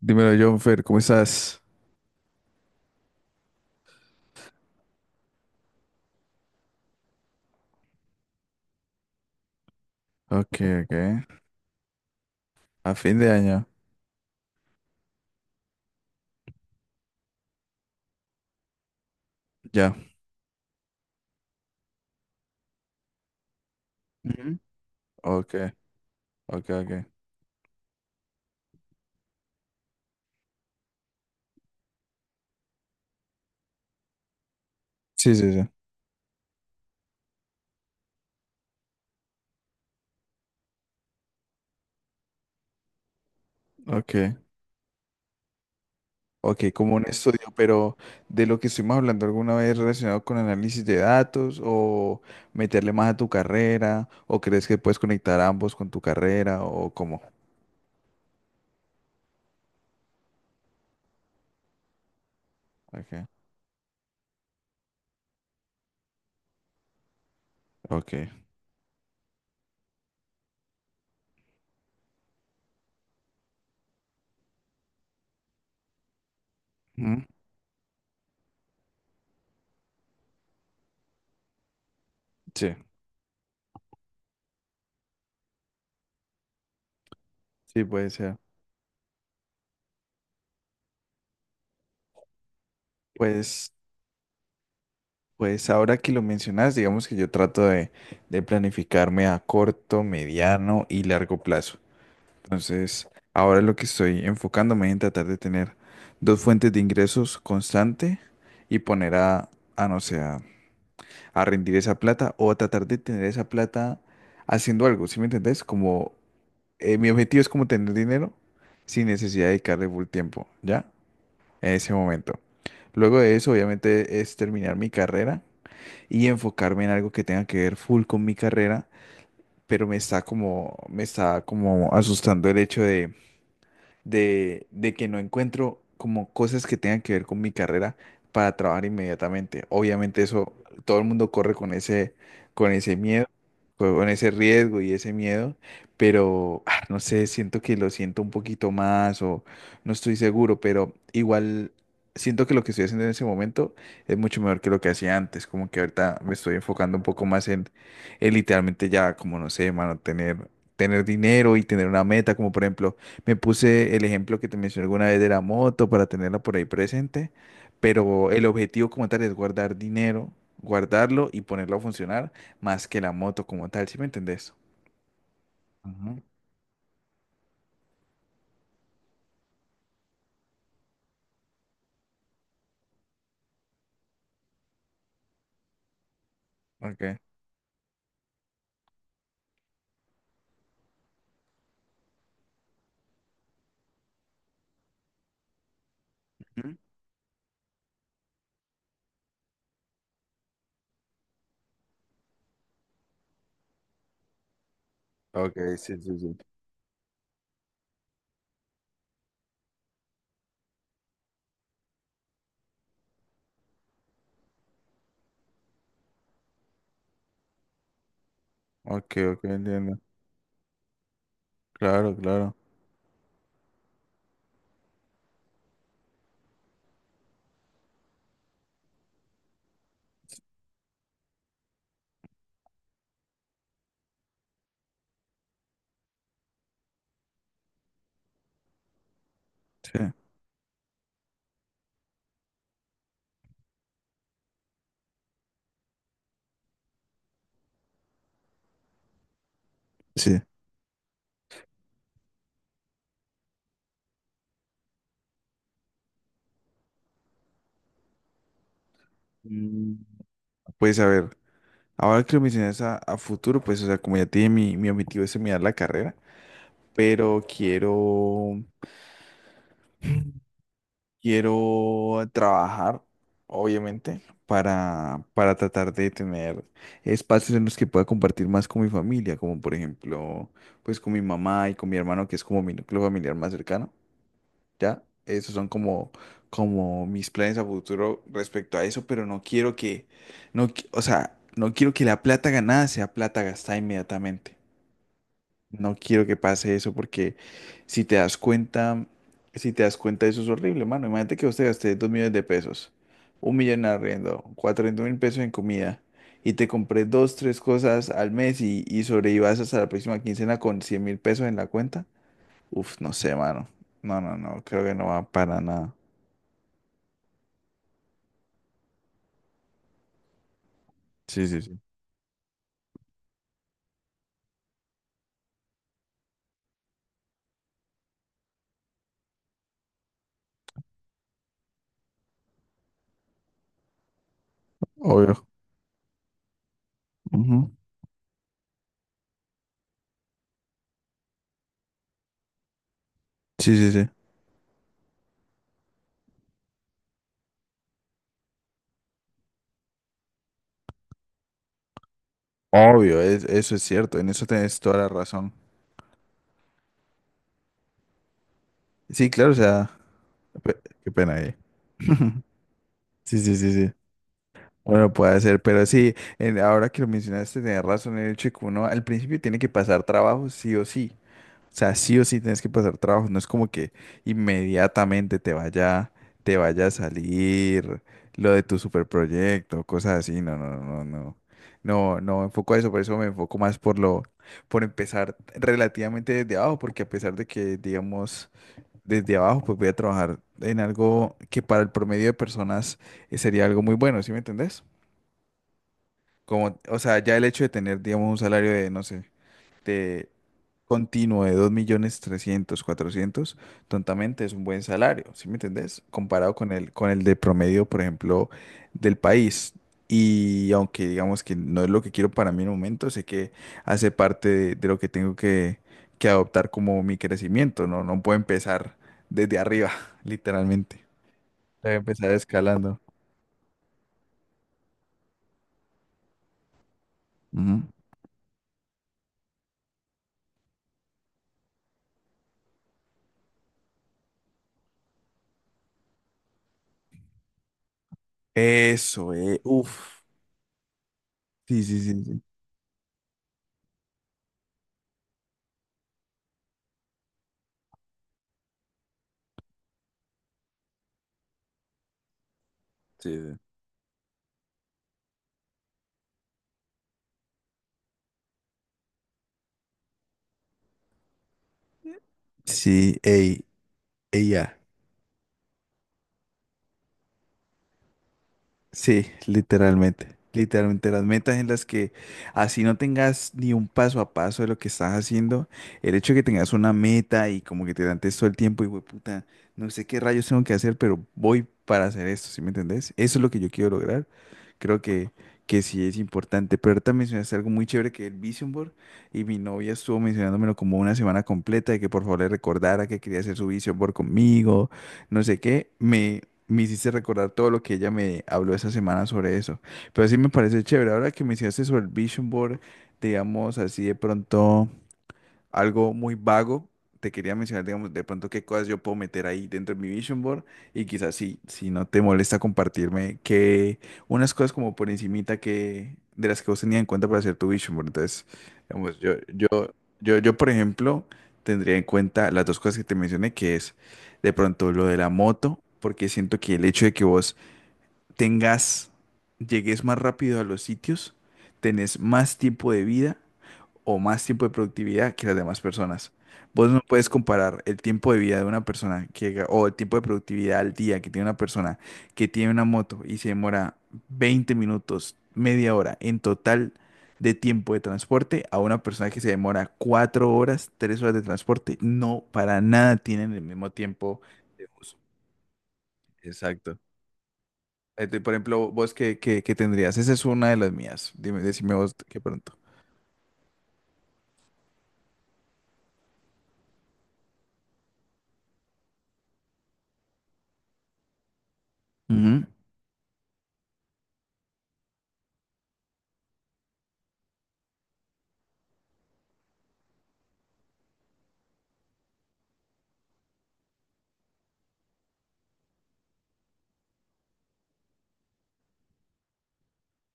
Dímelo, Jonfer, ¿cómo estás? Ok, ok. A fin de año. Ya. Ujú. Ok, ok, ok. Sí, sí, sí. Ok, ok, como un estudio, pero de lo que estuvimos hablando alguna vez relacionado con análisis de datos o meterle más a tu carrera, o ¿crees que puedes conectar ambos con tu carrera o cómo? Ok, ok. Mm, sí, sí, puede ser. Pues, pues ahora que lo mencionas, digamos que yo trato de planificarme a corto, mediano y largo plazo. Entonces, ahora lo que estoy enfocándome es en tratar de tener dos fuentes de ingresos constante y poner a no sé, a rendir esa plata o a tratar de tener esa plata haciendo algo, ¿sí me entendés? Como mi objetivo es como tener dinero sin necesidad de dedicarle full tiempo, ¿ya? En ese momento. Luego de eso, obviamente, es terminar mi carrera y enfocarme en algo que tenga que ver full con mi carrera, pero me está como asustando el hecho de que no encuentro como cosas que tengan que ver con mi carrera para trabajar inmediatamente. Obviamente eso, todo el mundo corre con ese miedo, con ese riesgo y ese miedo, pero no sé, siento que lo siento un poquito más o no estoy seguro, pero igual siento que lo que estoy haciendo en ese momento es mucho mejor que lo que hacía antes, como que ahorita me estoy enfocando un poco más en literalmente ya, como no sé, mano, tener dinero y tener una meta, como por ejemplo, me puse el ejemplo que te mencioné alguna vez de la moto para tenerla por ahí presente, pero el objetivo como tal es guardar dinero, guardarlo y ponerlo a funcionar más que la moto como tal, ¿sí me entendés? Ujú. Ok. Ujú. Ok, sí, sí, sí. Ok, ok, entiendo. Claro, claro. Sí, sí. Mm, Pues a ver, ahora que lo mencionas a futuro, pues o sea, como ya tiene mi objetivo es terminar la carrera, pero quiero. Quiero trabajar, obviamente, para tratar de tener espacios en los que pueda compartir más con mi familia, como por ejemplo, pues con mi mamá y con mi hermano, que es como mi núcleo familiar más cercano, ¿ya? Esos son como, como mis planes a futuro respecto a eso, pero no quiero que, no, o sea, no quiero que la plata ganada sea plata gastada inmediatamente. No quiero que pase eso porque si te das cuenta, si te das cuenta, eso es horrible, mano. Imagínate que usted gaste 2.000.000 de pesos, 1 millón en arriendo, 400.000 pesos en comida y te compré dos, tres cosas al mes y sobrevivas hasta la próxima quincena con 100.000 pesos en la cuenta. Uf, no sé, mano. No, no, no, creo que no va para nada. Sí, sí, sí. Obvio. Ujú. Sí, sí, sí. Obvio, eso es cierto. En eso tenés toda la razón. Sí, claro, o sea, qué pena ahí. Sí, sí, sí, sí. Bueno, puede ser, pero sí, ahora que lo mencionaste, tenés razón en el hecho de que uno al principio tiene que pasar trabajo sí o sí. O sea, sí o sí tienes que pasar trabajo. No es como que inmediatamente te vaya a salir lo de tu superproyecto, cosas así. No, no, no, no, no. No, no enfoco a eso, por eso me enfoco más por lo, por empezar relativamente desde abajo, porque a pesar de que, digamos, desde abajo, pues voy a trabajar en algo que para el promedio de personas sería algo muy bueno, ¿sí me entendés? Como, o sea, ya el hecho de tener, digamos, un salario de, no sé, de continuo de 2 millones 300 400 tontamente es un buen salario, ¿sí me entendés? Comparado con el de promedio, por ejemplo, del país. Y aunque digamos que no es lo que quiero para mí en el momento, sé que hace parte de lo que tengo que adoptar como mi crecimiento, ¿no? No puedo empezar desde arriba, literalmente. Tengo que empezar escalando. Ujú. Eso. Uf. Sí, sí, sí, sí. Sí, sí. Sí, ey, ella. Sí, literalmente. Literalmente las metas en las que así no tengas ni un paso a paso de lo que estás haciendo, el hecho de que tengas una meta y como que te dan todo el tiempo y puta, no sé qué rayos tengo que hacer, pero voy para hacer esto, ¿sí me entendés? Eso es lo que yo quiero lograr. Creo que sí es importante, pero ahorita mencionaste algo muy chévere que es el Vision Board y mi novia estuvo mencionándomelo como una semana completa de que por favor le recordara que quería hacer su Vision Board conmigo no sé qué, me hiciste recordar todo lo que ella me habló esa semana sobre eso. Pero sí me parece chévere. Ahora que me hiciste sobre el vision board, digamos así de pronto algo muy vago, te quería mencionar, digamos, de pronto qué cosas yo puedo meter ahí dentro de mi vision board y quizás sí, si no te molesta compartirme que unas cosas como por encimita que de las que vos tenías en cuenta para hacer tu vision board. Entonces, digamos, yo, por ejemplo, tendría en cuenta las dos cosas que te mencioné, que es de pronto lo de la moto, porque siento que el hecho de que vos tengas, llegues más rápido a los sitios, tenés más tiempo de vida o más tiempo de productividad que las demás personas. Vos no puedes comparar el tiempo de vida de una persona que, o el tiempo de productividad al día que tiene una persona que tiene una moto y se demora 20 minutos, media hora en total de tiempo de transporte a una persona que se demora 4 horas, 3 horas de transporte. No, para nada tienen el mismo tiempo de uso. Exacto. Este, por ejemplo, vos ¿qué tendrías? Esa es una de las mías. Dime, decime vos qué pronto. Ujú.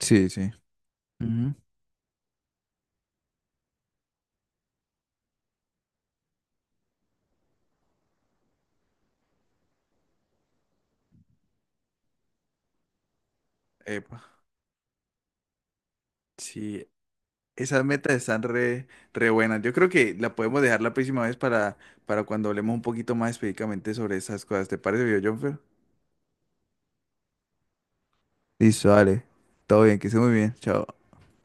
Sí, sí. Ujú. Epa. Sí, esas metas están re buenas. Yo creo que la podemos dejar la próxima vez para cuando hablemos un poquito más específicamente sobre esas cosas. ¿Te parece, viejo Jonfer? Listo, dale. Todo bien, que esté muy bien. Chao.